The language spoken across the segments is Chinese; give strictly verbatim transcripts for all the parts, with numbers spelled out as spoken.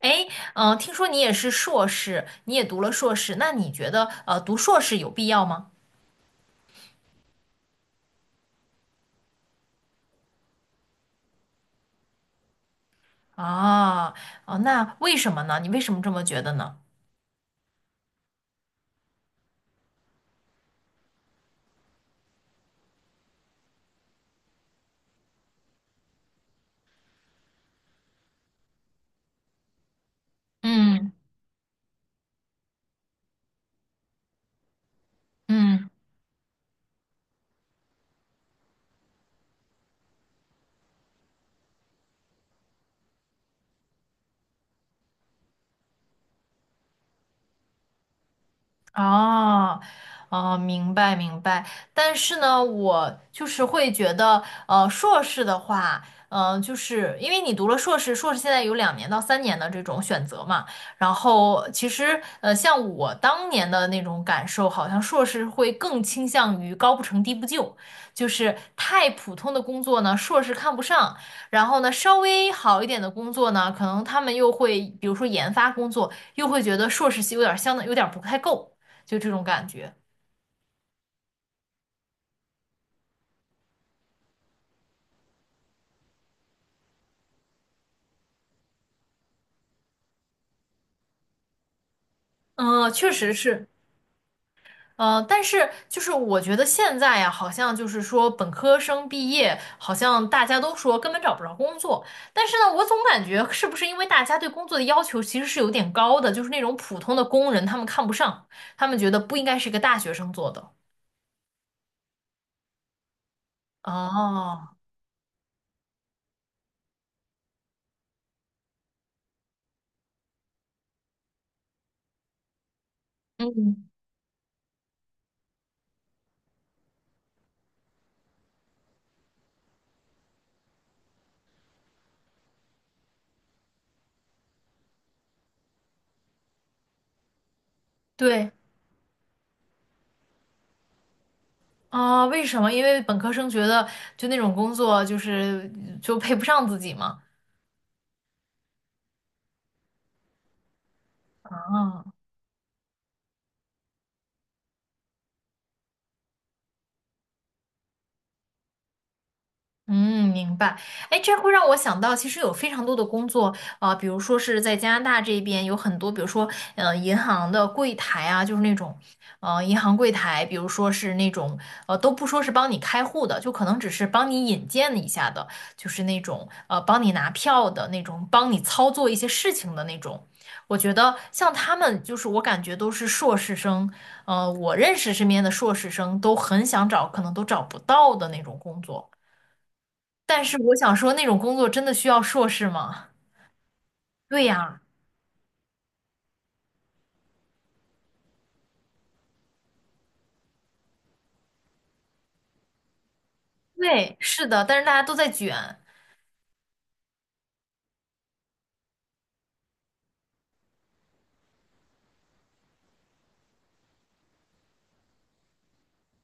哎，嗯、听说你也是硕士，你也读了硕士，那你觉得呃，读硕士有必要吗？啊，哦，那为什么呢？你为什么这么觉得呢？嗯嗯。哦，哦，明白明白。但是呢，我就是会觉得，呃，硕士的话，呃，就是因为你读了硕士，硕士现在有两年到三年的这种选择嘛。然后其实，呃，像我当年的那种感受，好像硕士会更倾向于高不成低不就，就是太普通的工作呢，硕士看不上。然后呢，稍微好一点的工作呢，可能他们又会，比如说研发工作，又会觉得硕士系有点儿相当有点儿不太够。就这种感觉。嗯，确实是。嗯，但是就是我觉得现在呀，好像就是说本科生毕业，好像大家都说根本找不着工作。但是呢，我总感觉是不是因为大家对工作的要求其实是有点高的，就是那种普通的工人他们看不上，他们觉得不应该是一个大学生做的。哦，嗯，对。啊，为什么？因为本科生觉得就那种工作就是就配不上自己嘛。啊。嗯，明白。哎，这会让我想到，其实有非常多的工作，啊，比如说是在加拿大这边有很多，比如说，呃，银行的柜台啊，就是那种，呃，银行柜台，比如说是那种，呃，都不说是帮你开户的，就可能只是帮你引荐一下的，就是那种，呃，帮你拿票的那种，帮你操作一些事情的那种。我觉得像他们，就是我感觉都是硕士生，呃，我认识身边的硕士生都很想找，可能都找不到的那种工作。但是我想说，那种工作真的需要硕士吗？对呀，对，是的，但是大家都在卷，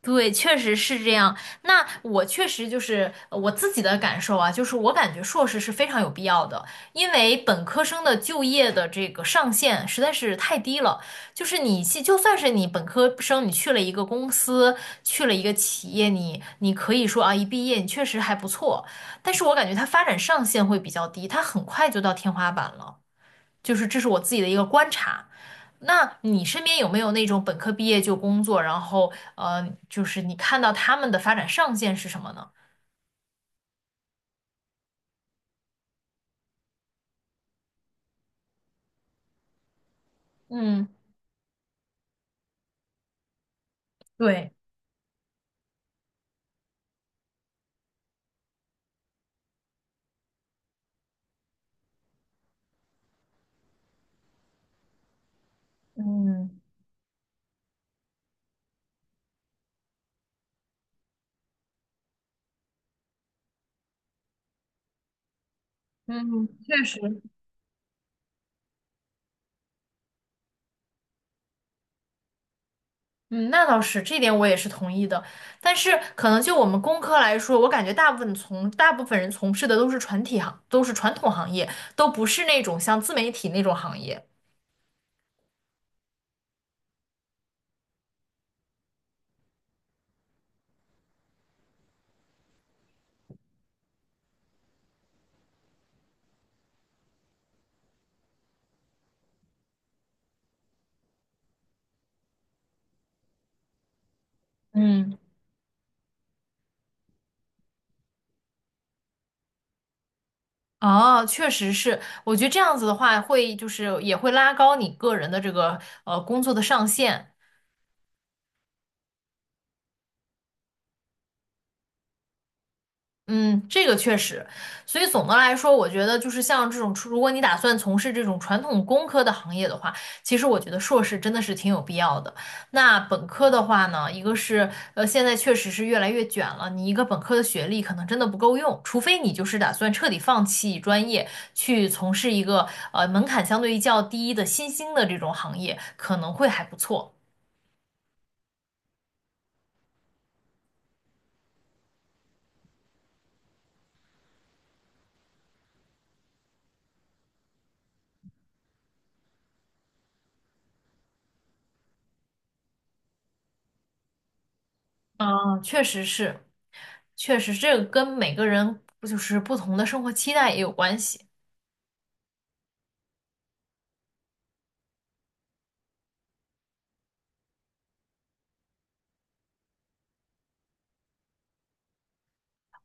对，确实是这样。那我确实就是呃我自己的感受啊，就是我感觉硕士是非常有必要的，因为本科生的就业的这个上限实在是太低了。就是你去，就算是你本科生，你去了一个公司，去了一个企业，你你可以说啊，一毕业你确实还不错，但是我感觉它发展上限会比较低，它很快就到天花板了。就是这是我自己的一个观察。那你身边有没有那种本科毕业就工作，然后呃，就是你看到他们的发展上限是什么呢？嗯，对，嗯嗯，确实，嗯，那倒是，这点我也是同意的。但是可能就我们工科来说，我感觉大部分从大部分人从事的都是传体行，都是传统行业，都不是那种像自媒体那种行业。嗯。哦，确实是，我觉得这样子的话，会就是也会拉高你个人的这个呃工作的上限，嗯，这个确实，所以总的来说，我觉得就是像这种，如果你打算从事这种传统工科的行业的话，其实我觉得硕士真的是挺有必要的。那本科的话呢，一个是呃，现在确实是越来越卷了，你一个本科的学历可能真的不够用，除非你就是打算彻底放弃专业，去从事一个呃门槛相对于较低的新兴的这种行业，可能会还不错。嗯，确实是，确实这个跟每个人不就是不同的生活期待也有关系。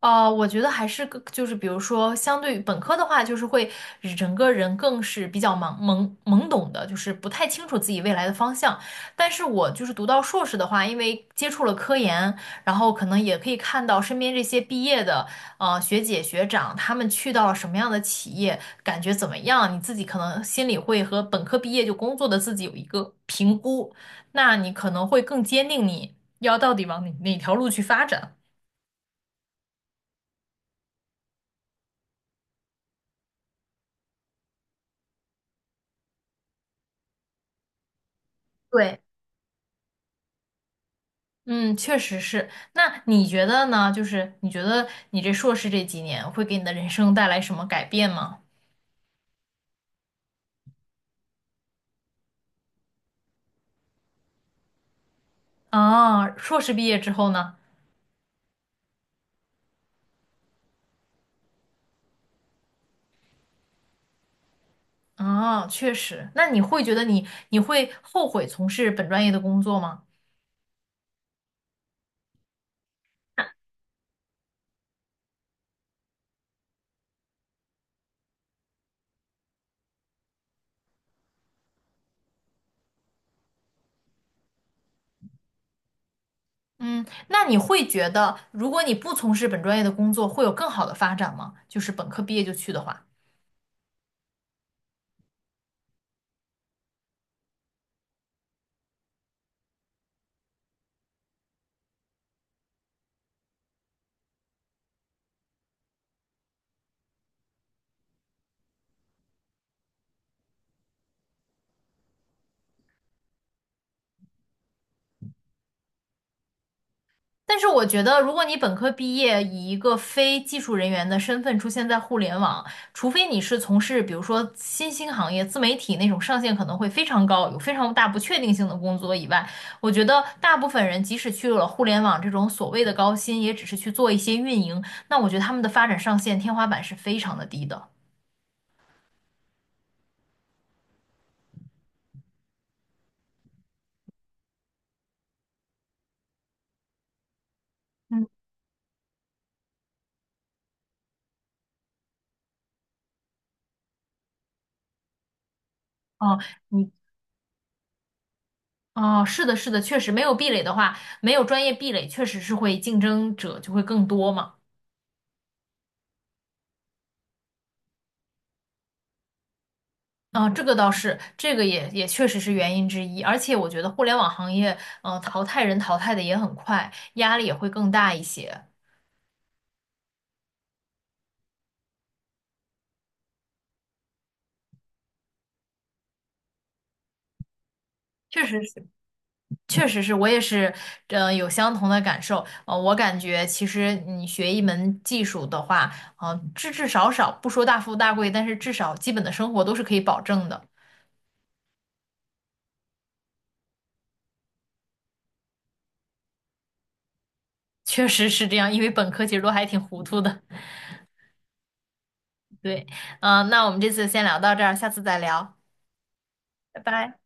呃，我觉得还是个就是，比如说，相对于本科的话，就是会整个人更是比较懵懵懵懂的，就是不太清楚自己未来的方向。但是我就是读到硕士的话，因为接触了科研，然后可能也可以看到身边这些毕业的呃学姐学长，他们去到了什么样的企业，感觉怎么样，你自己可能心里会和本科毕业就工作的自己有一个评估，那你可能会更坚定你要到底往哪哪条路去发展。对。嗯，确实是。那你觉得呢？就是你觉得你这硕士这几年会给你的人生带来什么改变吗？啊，硕士毕业之后呢？啊，确实。那你会觉得你你会后悔从事本专业的工作吗？嗯，那你会觉得如果你不从事本专业的工作，会有更好的发展吗？就是本科毕业就去的话。但是我觉得，如果你本科毕业，以一个非技术人员的身份出现在互联网，除非你是从事比如说新兴行业、自媒体那种上限可能会非常高、有非常大不确定性的工作以外，我觉得大部分人即使去了互联网这种所谓的高薪，也只是去做一些运营。那我觉得他们的发展上限天花板是非常的低的。嗯，哦，你哦，是的，是的，确实没有壁垒的话，没有专业壁垒，确实是会竞争者就会更多嘛。嗯，这个倒是，这个也也确实是原因之一。而且我觉得互联网行业，嗯、淘汰人淘汰的也很快，压力也会更大一些。确实是，确实是我也是，呃，有相同的感受。呃，我感觉其实你学一门技术的话，嗯、呃至至少少不说大富大贵，但是至少基本的生活都是可以保证的。确实是这样，因为本科其实都还挺糊涂的。对，嗯、那我们这次先聊到这儿，下次再聊，拜拜。